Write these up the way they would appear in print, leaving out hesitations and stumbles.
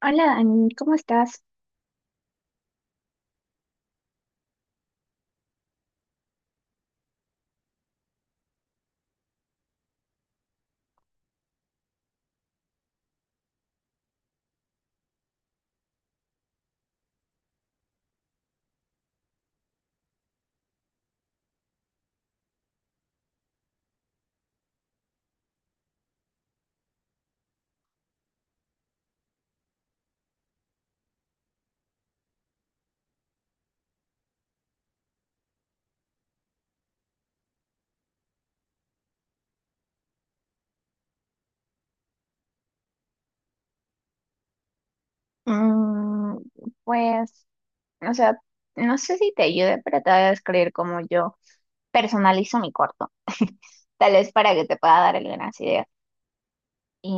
Hola Dani, ¿cómo estás? Mm, pues, o sea, no sé si te ayude, pero te voy a describir cómo yo personalizo mi corto, tal vez para que te pueda dar algunas ideas. Y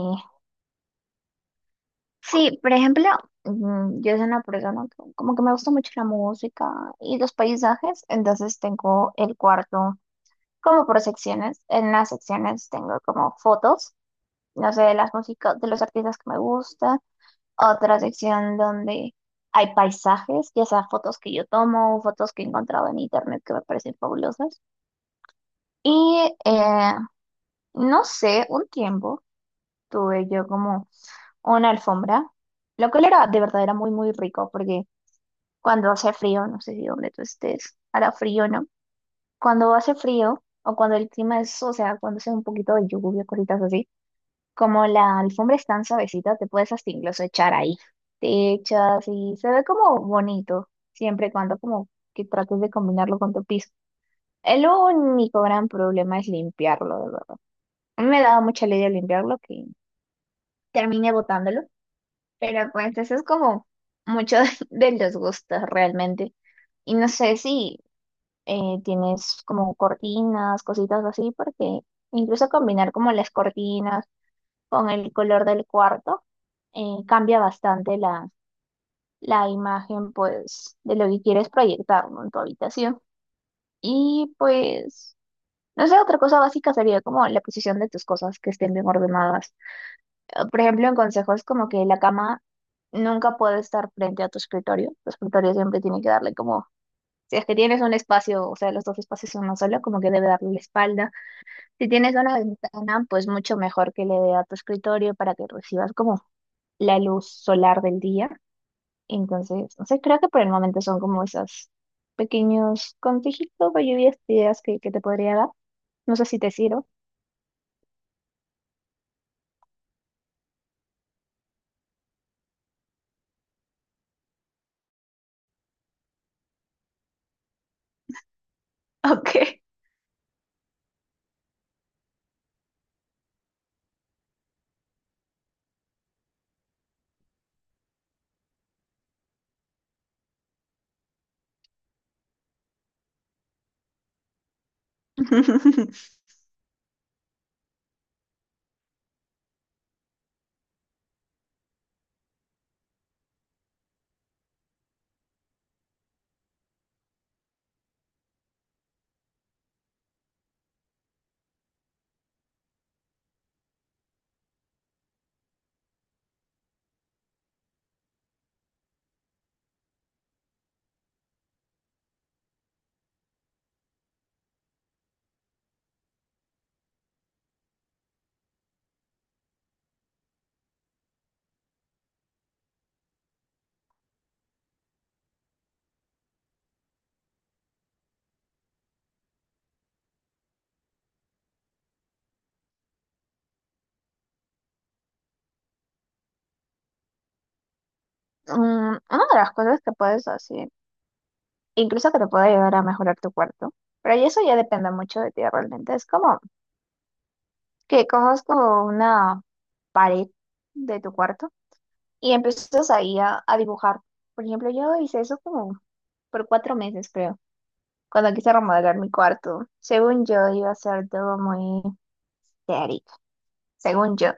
sí, por ejemplo, yo soy una persona que como que me gusta mucho la música y los paisajes, entonces tengo el cuarto como por secciones. En las secciones tengo como fotos, no sé, de las músicas, de los artistas que me gustan. Otra sección donde hay paisajes, ya sea fotos que yo tomo o fotos que he encontrado en internet que me parecen fabulosas. Y eh, no sé, un tiempo tuve yo como una alfombra, lo cual era de verdad era muy, muy rico porque cuando hace frío, no sé si donde tú estés, hará frío, ¿no? Cuando hace frío o cuando el clima es, o sea, cuando hace un poquito de lluvia, cositas así. Como la alfombra es tan suavecita, te puedes hasta incluso echar ahí. Te echas y se ve como bonito, siempre y cuando como que trates de combinarlo con tu piso. El único gran problema es limpiarlo, de verdad. A mí me daba mucha lidia limpiarlo que terminé botándolo, pero pues eso es como mucho de los gustos realmente. Y no sé si tienes como cortinas, cositas así, porque incluso combinar como las cortinas con el color del cuarto, cambia bastante la imagen, pues, de lo que quieres proyectar, ¿no?, en tu habitación. Y pues, no sé, otra cosa básica sería como la posición de tus cosas que estén bien ordenadas. Por ejemplo, en consejos como que la cama nunca puede estar frente a tu escritorio. Tu escritorio siempre tiene que darle como, si es que tienes un espacio, o sea, los dos espacios son uno solo, como que debe darle la espalda. Si tienes una ventana, pues mucho mejor que le dé a tu escritorio para que recibas como la luz solar del día. Entonces, no sé, creo que por el momento son como esos pequeños consejitos o lluvias de ideas que te podría dar. No sé si te sirvo. Ok. Mm, una de las cosas que puedes hacer, incluso que te puede ayudar a mejorar tu cuarto, pero y eso ya depende mucho de ti realmente, es como que cojas como una pared de tu cuarto y empiezas ahí a dibujar. Por ejemplo, yo hice eso como por 4 meses, creo. Cuando quise remodelar mi cuarto, según yo iba a ser todo muy teórico, según yo.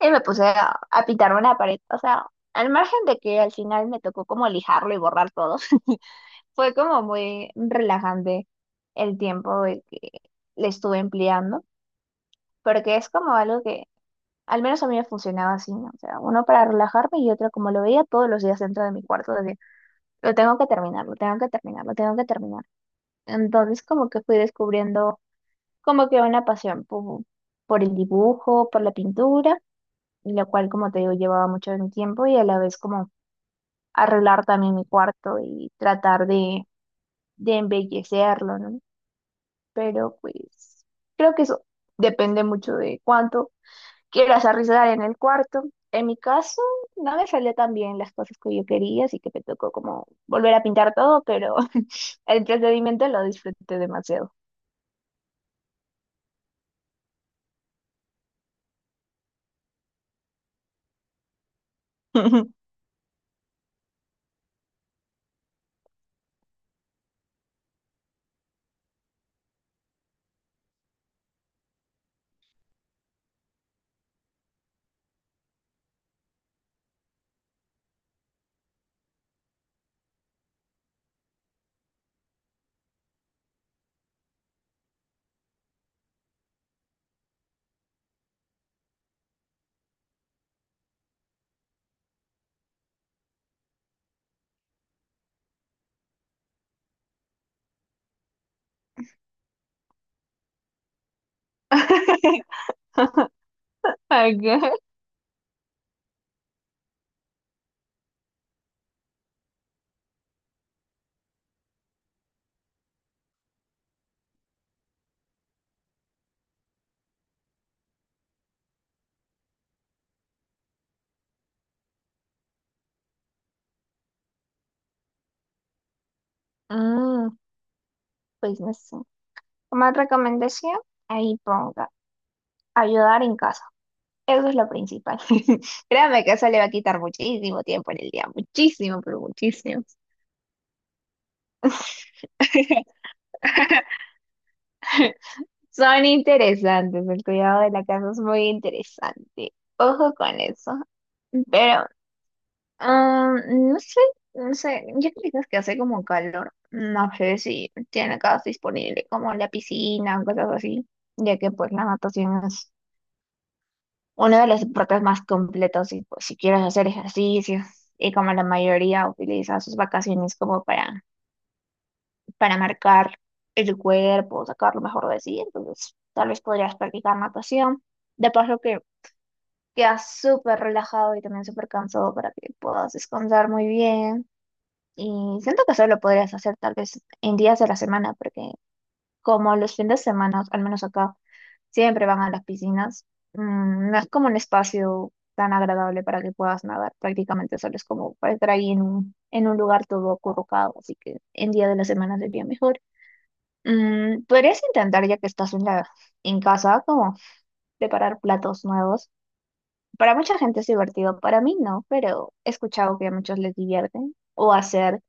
Y me puse a pintar una pared, o sea, al margen de que al final me tocó como lijarlo y borrar todo, fue como muy relajante el tiempo de que le estuve empleando, porque es como algo que al menos a mí me funcionaba así, ¿no? O sea, uno para relajarme y otro como lo veía todos los días dentro de mi cuarto, decía, lo tengo que terminar, lo tengo que terminar, lo tengo que terminar. Entonces como que fui descubriendo como que una pasión por el dibujo, por la pintura, y la cual, como te digo, llevaba mucho de mi tiempo y a la vez como arreglar también mi cuarto y tratar de embellecerlo, ¿no? Pero pues creo que eso depende mucho de cuánto quieras arriesgar en el cuarto. En mi caso, no me salió tan bien las cosas que yo quería, así que me tocó como volver a pintar todo, pero el procedimiento lo disfruté demasiado. Ok. Mm, pues no sé. Como recomendación, ahí ponga ayudar en casa. Eso es lo principal. Créame que eso le va a quitar muchísimo tiempo en el día, muchísimo, pero muchísimo. Son interesantes, el cuidado de la casa es muy interesante. Ojo con eso. Pero, no sé, no sé, yo creo que hace como calor. No sé si tiene casa disponible como la piscina o cosas así, ya que pues la natación uno de los deportes más completos si pues si quieres hacer ejercicio y como la mayoría utiliza sus vacaciones como para marcar el cuerpo, sacar lo mejor de sí, entonces tal vez podrías practicar natación. De paso que quedas súper relajado y también súper cansado para que puedas descansar muy bien. Y siento que solo podrías hacer tal vez en días de la semana, porque como los fines de semana, al menos acá, siempre van a las piscinas. No es como un espacio tan agradable para que puedas nadar, prácticamente solo es como para estar ahí en un lugar todo acurrucado, así que en día de la semana sería mejor. Podrías intentar, ya que estás en en casa, como preparar platos nuevos. Para mucha gente es divertido, para mí no, pero he escuchado que a muchos les divierten. O hacer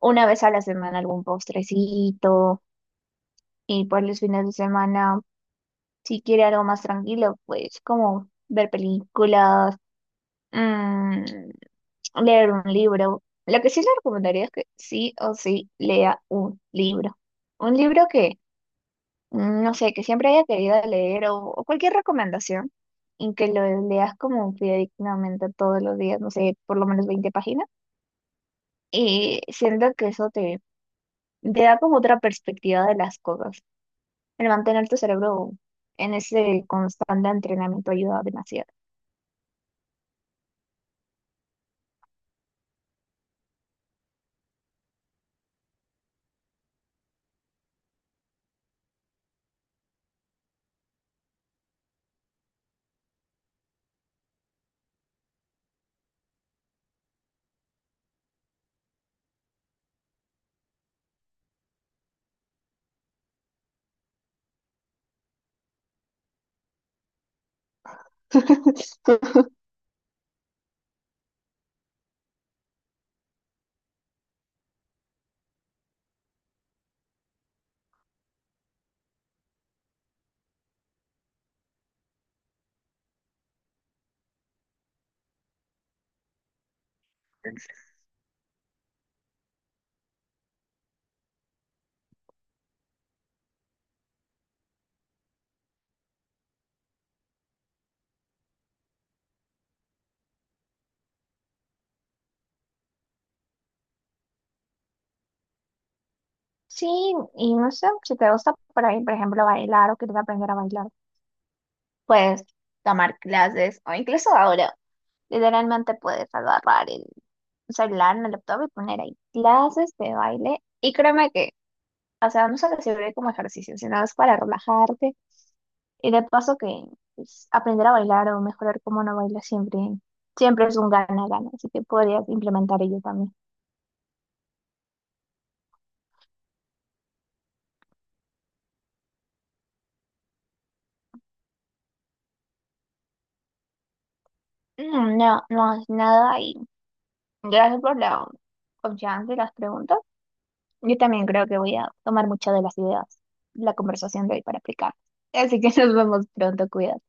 una vez a la semana algún postrecito y pues los fines de semana, si quiere algo más tranquilo, pues como ver películas, mm, leer un libro. Lo que sí le recomendaría es que sí o sí lea un libro. Un libro que no sé, que siempre haya querido leer o cualquier recomendación y que lo leas como fidedignamente todos los días, no sé, por lo menos 20 páginas. Y siento que eso te da como otra perspectiva de las cosas. El mantener tu cerebro en ese constante entrenamiento ayuda demasiado. Sí, y no sé, si te gusta por ahí, por ejemplo, bailar o quieres aprender a bailar, puedes tomar clases o incluso ahora, literalmente puedes agarrar el celular en el laptop y poner ahí clases de baile. Y créeme que, o sea, no solo sirve como ejercicio, sino es para relajarte y de paso que pues, aprender a bailar o mejorar cómo uno baila siempre, siempre es un gana-gana, así que podrías implementar ello también. No, no es nada y gracias por la confianza y las preguntas. Yo también creo que voy a tomar muchas de las ideas, la conversación de hoy para aplicar. Así que nos vemos pronto, cuidado.